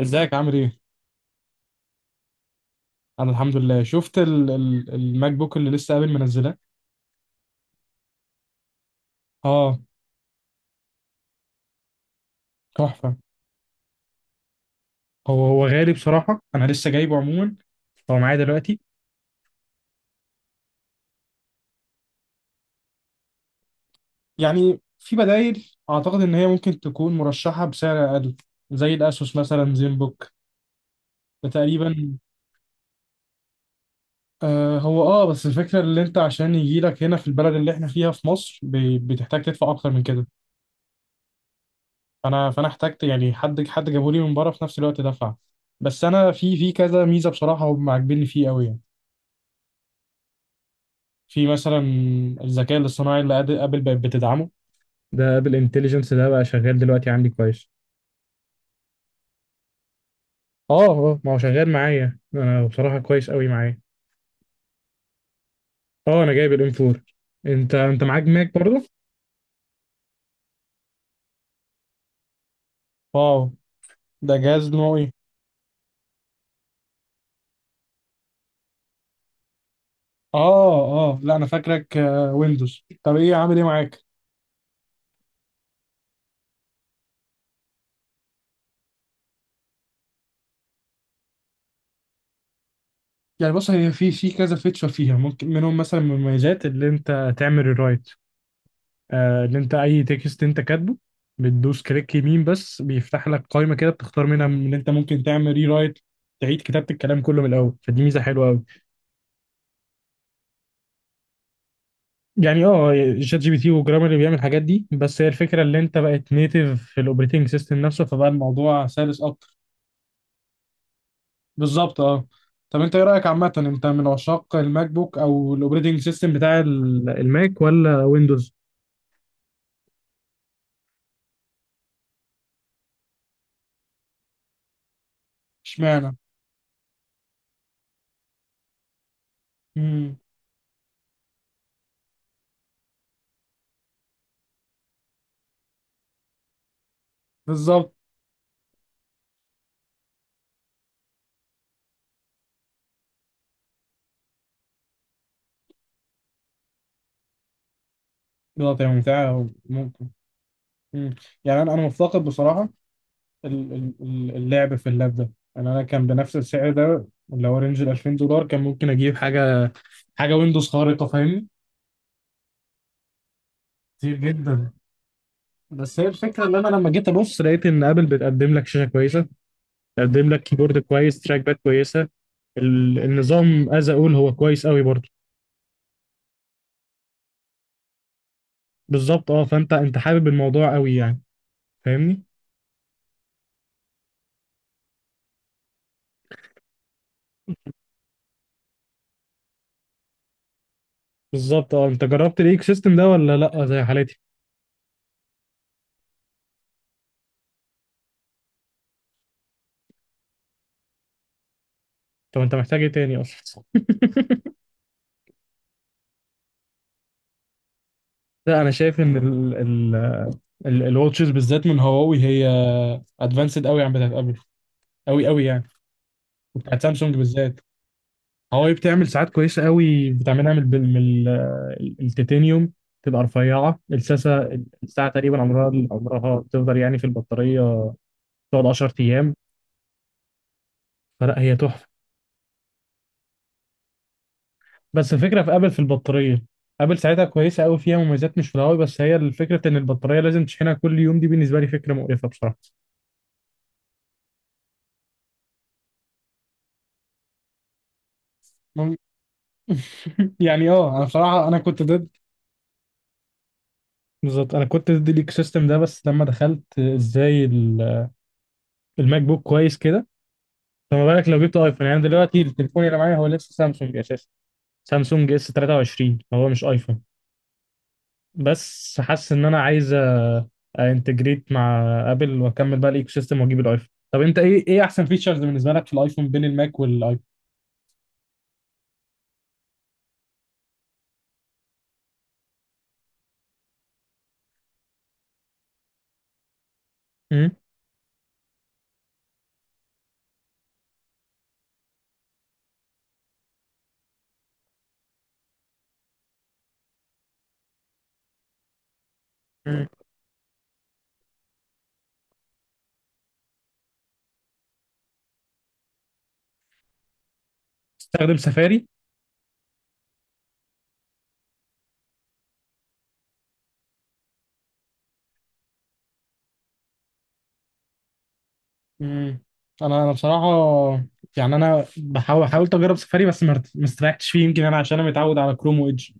ازيك عامل ايه؟ انا الحمد لله شفت ال الماك بوك اللي لسه قابل منزلاه. اه، تحفة. هو غالي بصراحة، انا لسه جايبه عموما. هو معايا دلوقتي. يعني في بدايل اعتقد ان هي ممكن تكون مرشحة بسعر اقل، زي الاسوس مثلا زين بوك، ده تقريبا. هو بس الفكرة اللي انت عشان يجي لك هنا في البلد اللي احنا فيها في مصر بتحتاج تدفع اكتر من كده. فانا احتجت يعني حد جابولي من بره في نفس الوقت دفع. بس انا في كذا ميزة بصراحة هم عاجبيني فيه قوي. في مثلا الذكاء الاصطناعي ابل بقت بتدعمه. ده ابل انتليجنس ده بقى شغال دلوقتي عندي كويس. اه، اه، ما هو شغال معايا انا بصراحة كويس قوي معايا. اه، انا جايب الام 4. انت معاك ماك برضه؟ واو. ده جهاز نوعه ايه؟ اه. اه، لا، انا فاكرك ويندوز، طب ايه عامل ايه معاك؟ يعني بص، هي في كذا فيتشر فيها، ممكن منهم مثلا من المميزات اللي انت تعمل الرايت، اللي انت اي تكست انت كاتبه، بتدوس كليك يمين، بس بيفتح لك قائمه كده بتختار منها من اللي انت ممكن تعمل ري رايت، تعيد كتابه الكلام كله من الاول، فدي ميزه حلوه قوي. يعني اه، شات جي بي تي وجرامر بيعمل الحاجات دي، بس هي الفكره اللي انت بقت نيتيف في الاوبريتنج سيستم نفسه، فبقى الموضوع سلس اكتر. بالظبط، اه. طب انت ايه رايك عامه، انت من عشاق الماك بوك او الاوبريتنج سيستم بتاع الماك ولا ويندوز؟ اشمعنى؟ امم. بالظبط. بالظبط، هي ممتعه. مم. يعني انا مفتقد بصراحه اللعب في اللاب ده. انا كان بنفس السعر ده، اللي هو رينج ال $2000، كان ممكن اجيب حاجه ويندوز خارقه، فاهمني؟ كتير جدا. بس هي الفكره ان انا لما جيت ابص لقيت ان ابل بتقدم لك شاشه كويسه، بتقدم لك كيبورد كويس، تراك باد كويسه، النظام از اقول هو كويس قوي برضه. بالظبط اه، فانت حابب الموضوع قوي يعني، فاهمني؟ بالظبط اه، انت جربت الايك سيستم ده ولا لا زي حالتي؟ طب انت محتاج ايه تاني اصلا؟ لا، انا شايف ان ال الواتشز بالذات من هواوي هي ادفانسد قوي عن بتاعت ابل، قوي قوي يعني. وبتاعت سامسونج بالذات. هواوي بتعمل ساعات كويسه قوي، بتعملها التيتانيوم، تبقى رفيعه، الساعه تقريبا عمرها، بتفضل يعني في البطاريه، تقعد 10 ايام، فلا هي تحفه. بس الفكره في ابل في البطاريه، ابل ساعتها كويسه قوي، فيها مميزات مش في الهواوي، بس هي الفكره ان البطاريه لازم تشحنها كل يوم، دي بالنسبه لي فكره مقرفه بصراحه. مم. يعني انا بصراحه انا كنت ضد. بالظبط، انا كنت ضد الايكو سيستم ده، بس لما دخلت ازاي الماك بوك، كويس كده. فما بالك لو جبت ايفون؟ يعني دلوقتي التليفون اللي معايا هو لسه سامسونج اساسا. سامسونج اس 23، هو مش ايفون، بس حاسس ان انا عايز انتجريت مع ابل، واكمل بقى الايكو سيستم واجيب الايفون. طب انت ايه احسن فيتشرز بالنسبه لك في الايفون، بين الماك والايفون؟ امم. أمم. تستخدم سفاري؟ امم. انا بصراحه يعني انا بحاول، حاولت اجرب سفاري بس ما استريحتش فيه، يمكن انا عشان انا متعود على كروم وايدج.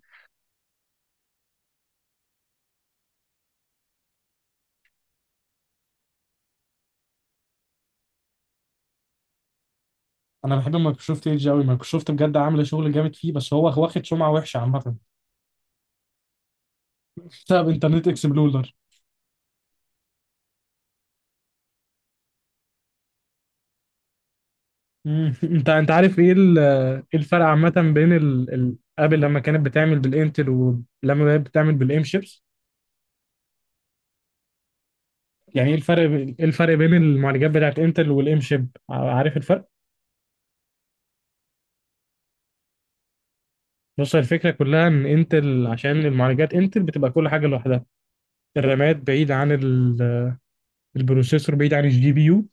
انا بحب مايكروسوفت ايدج قوي، مايكروسوفت بجد عامله شغل جامد فيه، بس هو واخد سمعه وحشه عامه بسبب انترنت اكسبلورر. مم. انت عارف ايه ايه الفرق عامة بين ابل لما كانت بتعمل بالانتل ولما بقت بتعمل بالام شيبس؟ يعني ايه الفرق ايه الفرق بين المعالجات بتاعت انتل والام شيب؟ عارف الفرق؟ بص، الفكرة كلها ان انتل، عشان المعالجات انتل بتبقى كل حاجة لوحدها، الرامات بعيد عن البروسيسور، بعيد عن الجي بي يو،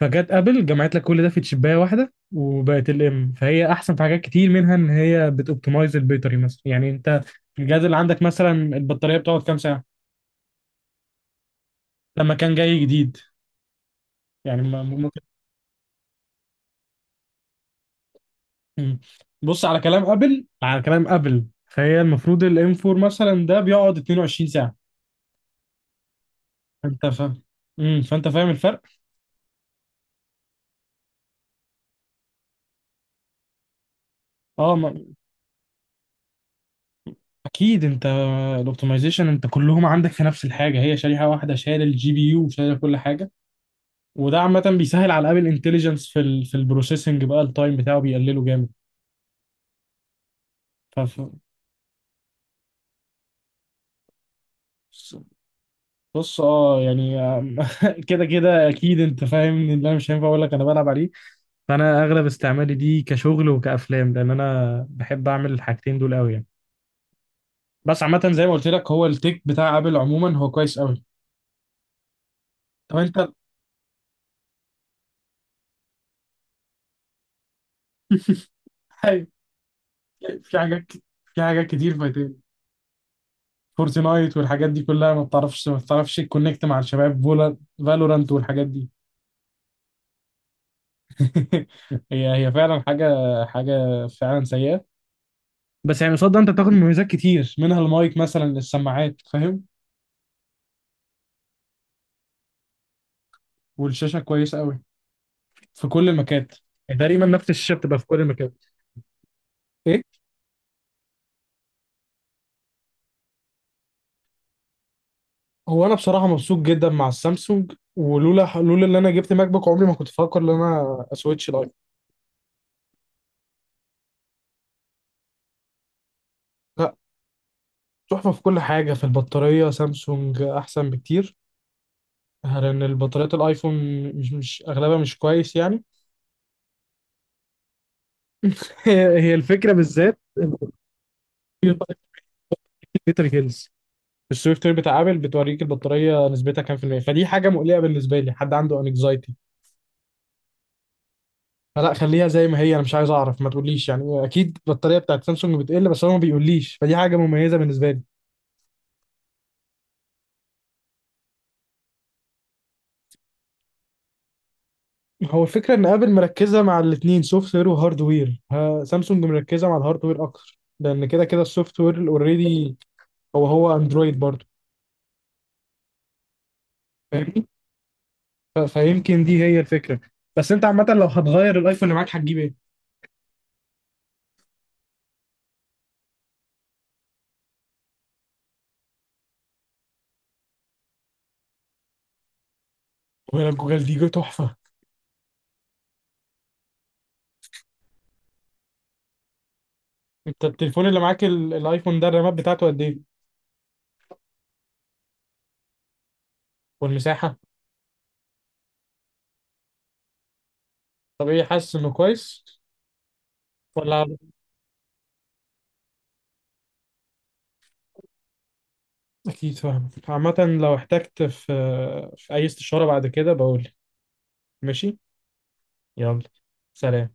فجت ابل جمعت لك كل ده في تشبايه واحده وبقت الام، فهي احسن في حاجات كتير، منها ان هي بتوبتمايز البيطري مثلا. يعني انت الجهاز اللي عندك مثلا، البطاريه بتقعد كام ساعه لما كان جاي جديد؟ يعني ممكن. مم. بص، على كلام ابل، فهي المفروض الام 4 مثلا ده بيقعد 22 ساعه، انت فاهم؟ فانت فاهم الفرق. اه، ما... اكيد انت، الاوبتمايزيشن انت كلهم عندك في نفس الحاجه، هي شريحه واحده شايله الجي بي يو وشايله كل حاجه، وده عامة بيسهل على ابل انتليجنس، في ال في البروسيسنج بقى التايم بتاعه بيقلله جامد. ف ف- بص، يعني كده كده اكيد انت فاهم ان انا مش هينفع اقول لك انا بلعب عليه. فانا اغلب استعمالي دي كشغل وكافلام، لان انا بحب اعمل الحاجتين دول قوي يعني. بس عامة زي ما قلت لك، هو التيك بتاع ابل عموما هو كويس قوي. طب انت. حي- في حاجات، في حاجات كتير فايتين. فورتنايت والحاجات دي كلها، ما بتعرفش تكونكت مع الشباب. فالورانت والحاجات دي. هي فعلا حاجة فعلا سيئة. بس يعني قصاد ده انت بتاخد مميزات كتير، منها المايك مثلا للسماعات، فاهم؟ والشاشة كويسة قوي في كل المكات، تقريبا نفس الشاشة بتبقى في كل المكان. ايه. هو انا بصراحة مبسوط جدا مع السامسونج، ولولا ان انا جبت ماك بوك عمري ما كنت افكر ان انا اسويتش لايف. لا، تحفة في كل حاجة. في البطارية سامسونج احسن بكتير، لان البطاريات الايفون مش اغلبها مش كويس يعني. هي الفكرة، بالذات البطارية بتاعت بيتر هيلز، السوفت وير بتاع ابل بتوريك البطاريه نسبتها كام في الميه، فدي حاجه مقلقه بالنسبه لي، حد عنده انكزايتي. فلا، خليها زي ما هي، انا مش عايز اعرف، ما تقوليش يعني. اكيد البطاريه بتاعت سامسونج بتقل، بس هو ما بيقوليش، فدي حاجه مميزه بالنسبه لي. هو الفكره ان ابل مركزه مع الاثنين، سوفت وير وهاردوير، سامسونج مركزه مع الهاردوير اكتر، لان كده كده السوفت وير اوريدي هو اندرويد برضه، فاهمني؟ فيمكن دي هي الفكره. بس انت عامه لو هتغير الايفون اللي معاك هتجيب ايه؟ ولا جوجل دي جو تحفه. انت التليفون اللي معاك الايفون ده الرامات بتاعته قد ايه؟ والمساحة؟ طب ايه، حاسس انه كويس ولا؟ اكيد، فاهم عامة. لو احتجت في اي استشارة بعد كده بقول. ماشي. يلا. سلام.